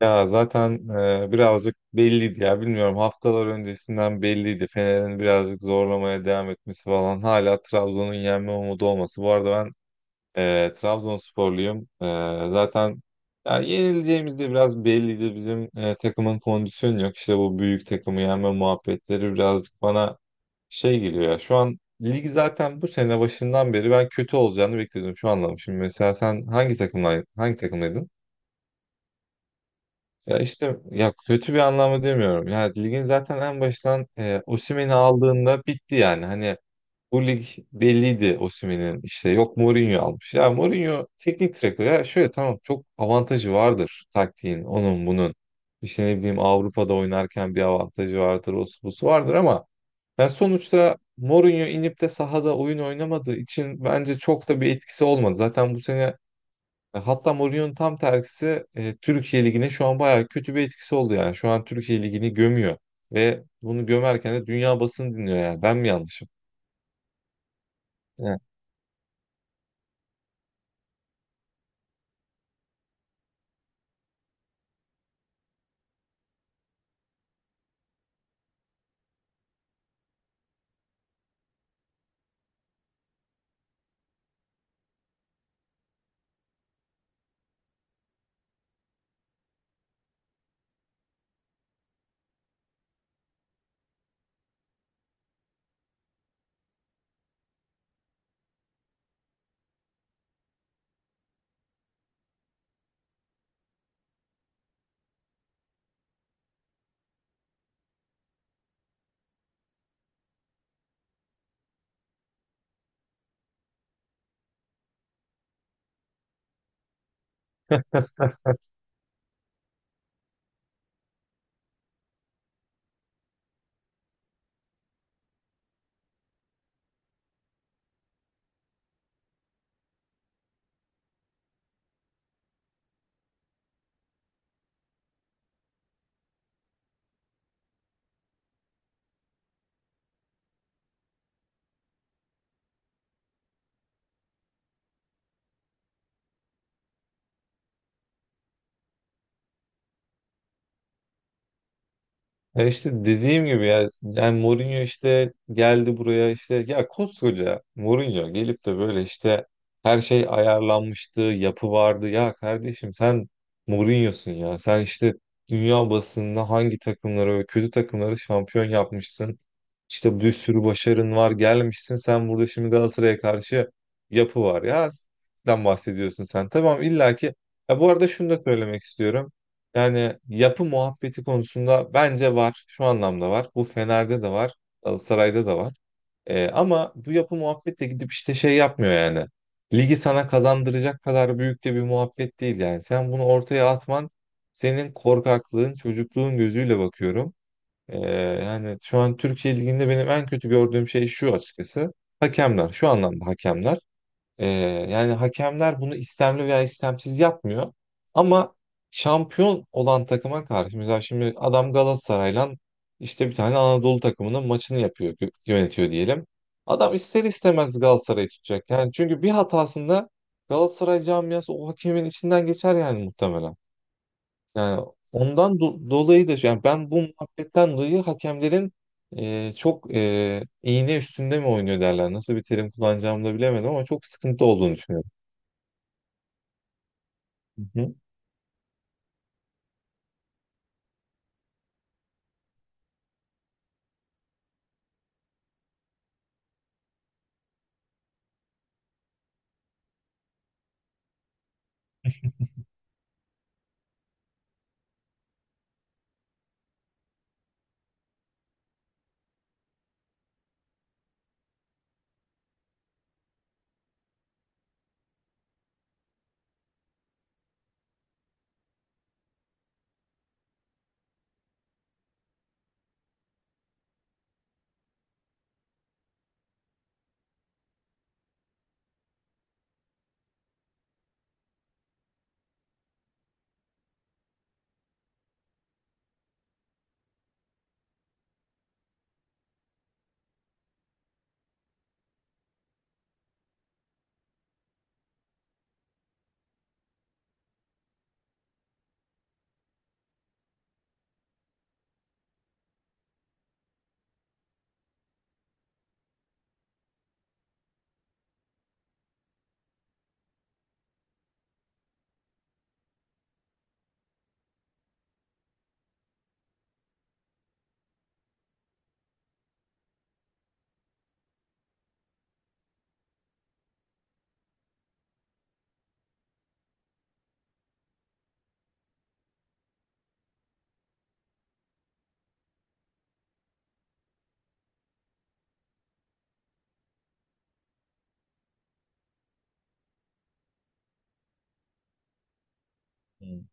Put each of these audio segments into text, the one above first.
Ya zaten birazcık belliydi ya bilmiyorum haftalar öncesinden belliydi. Fener'in birazcık zorlamaya devam etmesi falan hala Trabzon'un yenme umudu olması. Bu arada ben Trabzonsporluyum. Zaten ya yenileceğimiz de biraz belliydi. Bizim takımın kondisyonu yok. İşte bu büyük takımı yenme muhabbetleri birazcık bana şey geliyor ya. Şu an lig zaten bu sene başından beri ben kötü olacağını bekliyordum. Şu anladım. Şimdi mesela sen hangi takımla hangi takımdaydın? Ya işte ya kötü bir anlamda demiyorum. Ya ligin zaten en baştan Osimhen'i aldığında bitti yani. Hani bu lig belliydi Osimhen'in işte yok Mourinho almış. Ya Mourinho teknik direktör ya şöyle tamam çok avantajı vardır taktiğin onun bunun. İşte ne bileyim Avrupa'da oynarken bir avantajı vardır o busu vardır ama ben sonuçta Mourinho inip de sahada oyun oynamadığı için bence çok da bir etkisi olmadı. Zaten bu sene hatta Mourinho'nun tam tersi Türkiye Ligi'ne şu an bayağı kötü bir etkisi oldu yani. Şu an Türkiye Ligi'ni gömüyor ve bunu gömerken de dünya basını dinliyor yani. Ben mi yanlışım? Ya işte dediğim gibi ya yani Mourinho işte geldi buraya işte ya koskoca Mourinho gelip de böyle işte her şey ayarlanmıştı, yapı vardı. Ya kardeşim sen Mourinho'sun ya. Sen işte dünya basınında hangi takımları, ve kötü takımları şampiyon yapmışsın. İşte bir sürü başarın var, gelmişsin. Sen burada şimdi Galatasaray'a karşı yapı var ya. Sen bahsediyorsun sen. Tamam illaki. Ya bu arada şunu da söylemek istiyorum. Yani yapı muhabbeti konusunda bence var. Şu anlamda var. Bu Fener'de de var. Galatasaray'da da var. Ama bu yapı muhabbetle gidip işte şey yapmıyor yani. Ligi sana kazandıracak kadar büyük de bir muhabbet değil yani. Sen bunu ortaya atman senin korkaklığın, çocukluğun gözüyle bakıyorum. Ee, Yani şu an Türkiye Ligi'nde benim en kötü gördüğüm şey şu açıkçası. Hakemler. Şu anlamda hakemler. Ee, Yani hakemler bunu istemli veya istemsiz yapmıyor. Ama şampiyon olan takıma karşı mesela şimdi adam Galatasaray'la işte bir tane Anadolu takımının maçını yapıyor, yönetiyor diyelim. Adam ister istemez Galatasaray'ı tutacak. Yani çünkü bir hatasında Galatasaray camiası o hakemin içinden geçer yani muhtemelen. Yani ondan dolayı da yani ben bu muhabbetten dolayı hakemlerin çok iğne üstünde mi oynuyor derler. Nasıl bir terim kullanacağımı da bilemedim ama çok sıkıntı olduğunu düşünüyorum. Hı? Hı.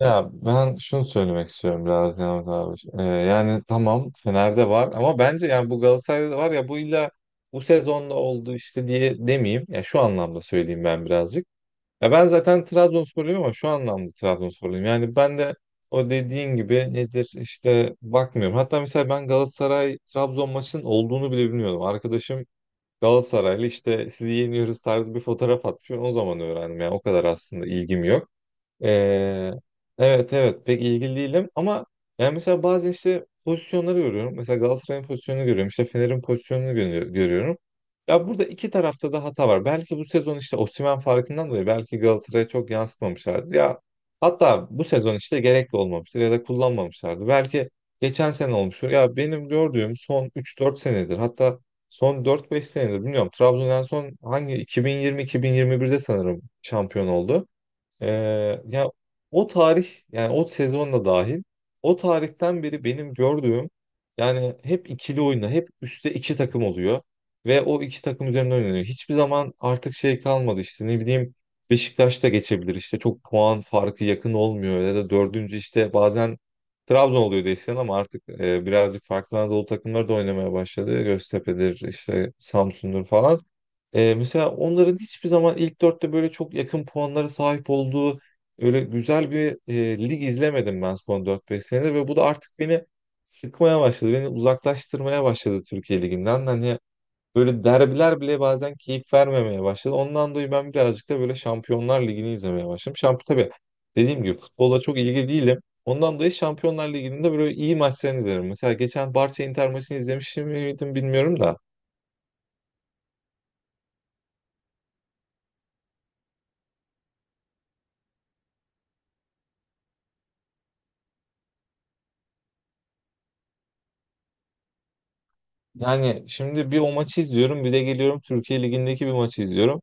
Ya ben şunu söylemek istiyorum biraz Yavuz abi. Yani tamam Fener'de var ama bence yani bu Galatasaray'da da var ya bu illa bu sezonda oldu işte diye demeyeyim. Ya şu anlamda söyleyeyim ben birazcık. Ya ben zaten Trabzonsporluyum ama şu anlamda Trabzonsporluyum. Yani ben de o dediğin gibi nedir işte bakmıyorum. Hatta mesela ben Galatasaray Trabzon maçının olduğunu bile bilmiyordum. Arkadaşım Galatasaraylı işte sizi yeniyoruz tarzı bir fotoğraf atmış. Ben o zaman öğrendim yani o kadar aslında ilgim yok. Ee, evet evet pek ilgili değilim ama yani mesela bazen işte pozisyonları görüyorum. Mesela Galatasaray'ın pozisyonunu görüyorum. İşte Fener'in pozisyonunu görüyorum. Ya burada iki tarafta da hata var. Belki bu sezon işte Osimhen farkından dolayı belki Galatasaray'a çok yansıtmamışlardı. Ya hatta bu sezon işte gerekli olmamıştır ya da kullanmamışlardı. Belki geçen sene olmuştur. Ya benim gördüğüm son üç dört senedir hatta son dört beş senedir bilmiyorum. Trabzon en son hangi 2020-2021'de sanırım şampiyon oldu. Ya o tarih yani o sezon da dahil o tarihten beri benim gördüğüm yani hep ikili oyuna hep üstte iki takım oluyor ve o iki takım üzerinde oynanıyor. Hiçbir zaman artık şey kalmadı işte ne bileyim Beşiktaş da geçebilir işte çok puan farkı yakın olmuyor ya da dördüncü işte bazen Trabzon oluyor desen ama artık birazcık farklı Anadolu takımları da oynamaya başladı. Göztepe'dir işte Samsun'dur falan. Mesela onların hiçbir zaman ilk dörtte böyle çok yakın puanlara sahip olduğu öyle güzel bir lig izlemedim ben son dört beş senede ve bu da artık beni sıkmaya başladı. Beni uzaklaştırmaya başladı Türkiye Ligi'nden. Hani böyle derbiler bile bazen keyif vermemeye başladı. Ondan dolayı ben birazcık da böyle Şampiyonlar Ligi'ni izlemeye başladım. Şamp tabii dediğim gibi futbola çok ilgili değilim. Ondan dolayı Şampiyonlar Ligi'nin de böyle iyi maçlarını izlerim. Mesela geçen Barça Inter maçını izlemiş miydim bilmiyorum da. Yani şimdi bir o maçı izliyorum bir de geliyorum Türkiye Ligi'ndeki bir maçı izliyorum.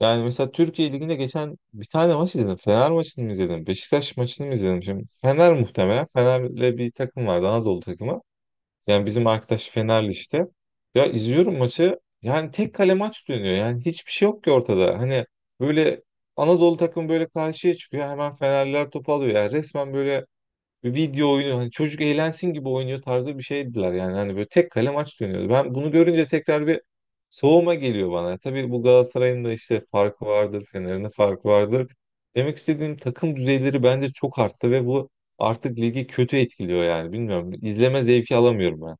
Yani mesela Türkiye Ligi'nde geçen bir tane maç izledim. Fener maçını mı izledim? Beşiktaş maçını mı izledim? Şimdi Fener muhtemelen. Fener'le bir takım vardı Anadolu takımı. Yani bizim arkadaş Fenerli işte. Ya izliyorum maçı. Yani tek kale maç dönüyor. Yani hiçbir şey yok ki ortada. Hani böyle Anadolu takımı böyle karşıya çıkıyor. Hemen Fenerliler topu alıyor. Yani resmen böyle bir video oyunu hani çocuk eğlensin gibi oynuyor tarzı bir şeydiler yani hani böyle tek kale maç dönüyordu. Ben bunu görünce tekrar bir soğuma geliyor bana. Tabii bu Galatasaray'ın da işte farkı vardır, Fener'in de farkı vardır. Demek istediğim takım düzeyleri bence çok arttı ve bu artık ligi kötü etkiliyor yani bilmiyorum. İzleme zevki alamıyorum ben.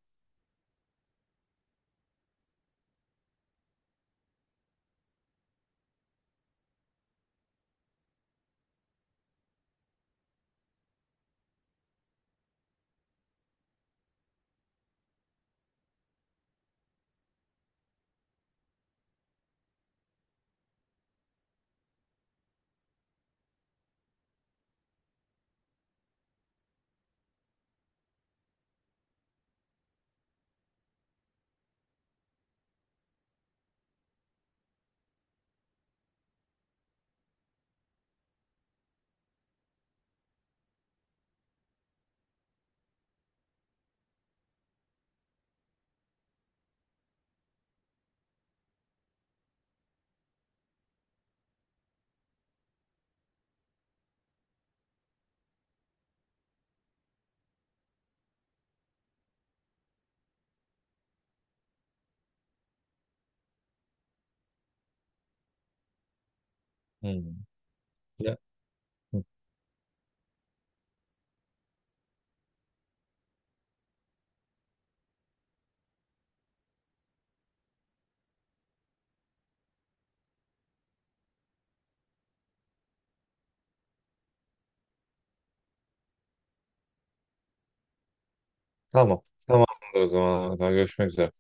Hmm. Ya- Tamam. Tamamdır o zaman. Görüşmek üzere.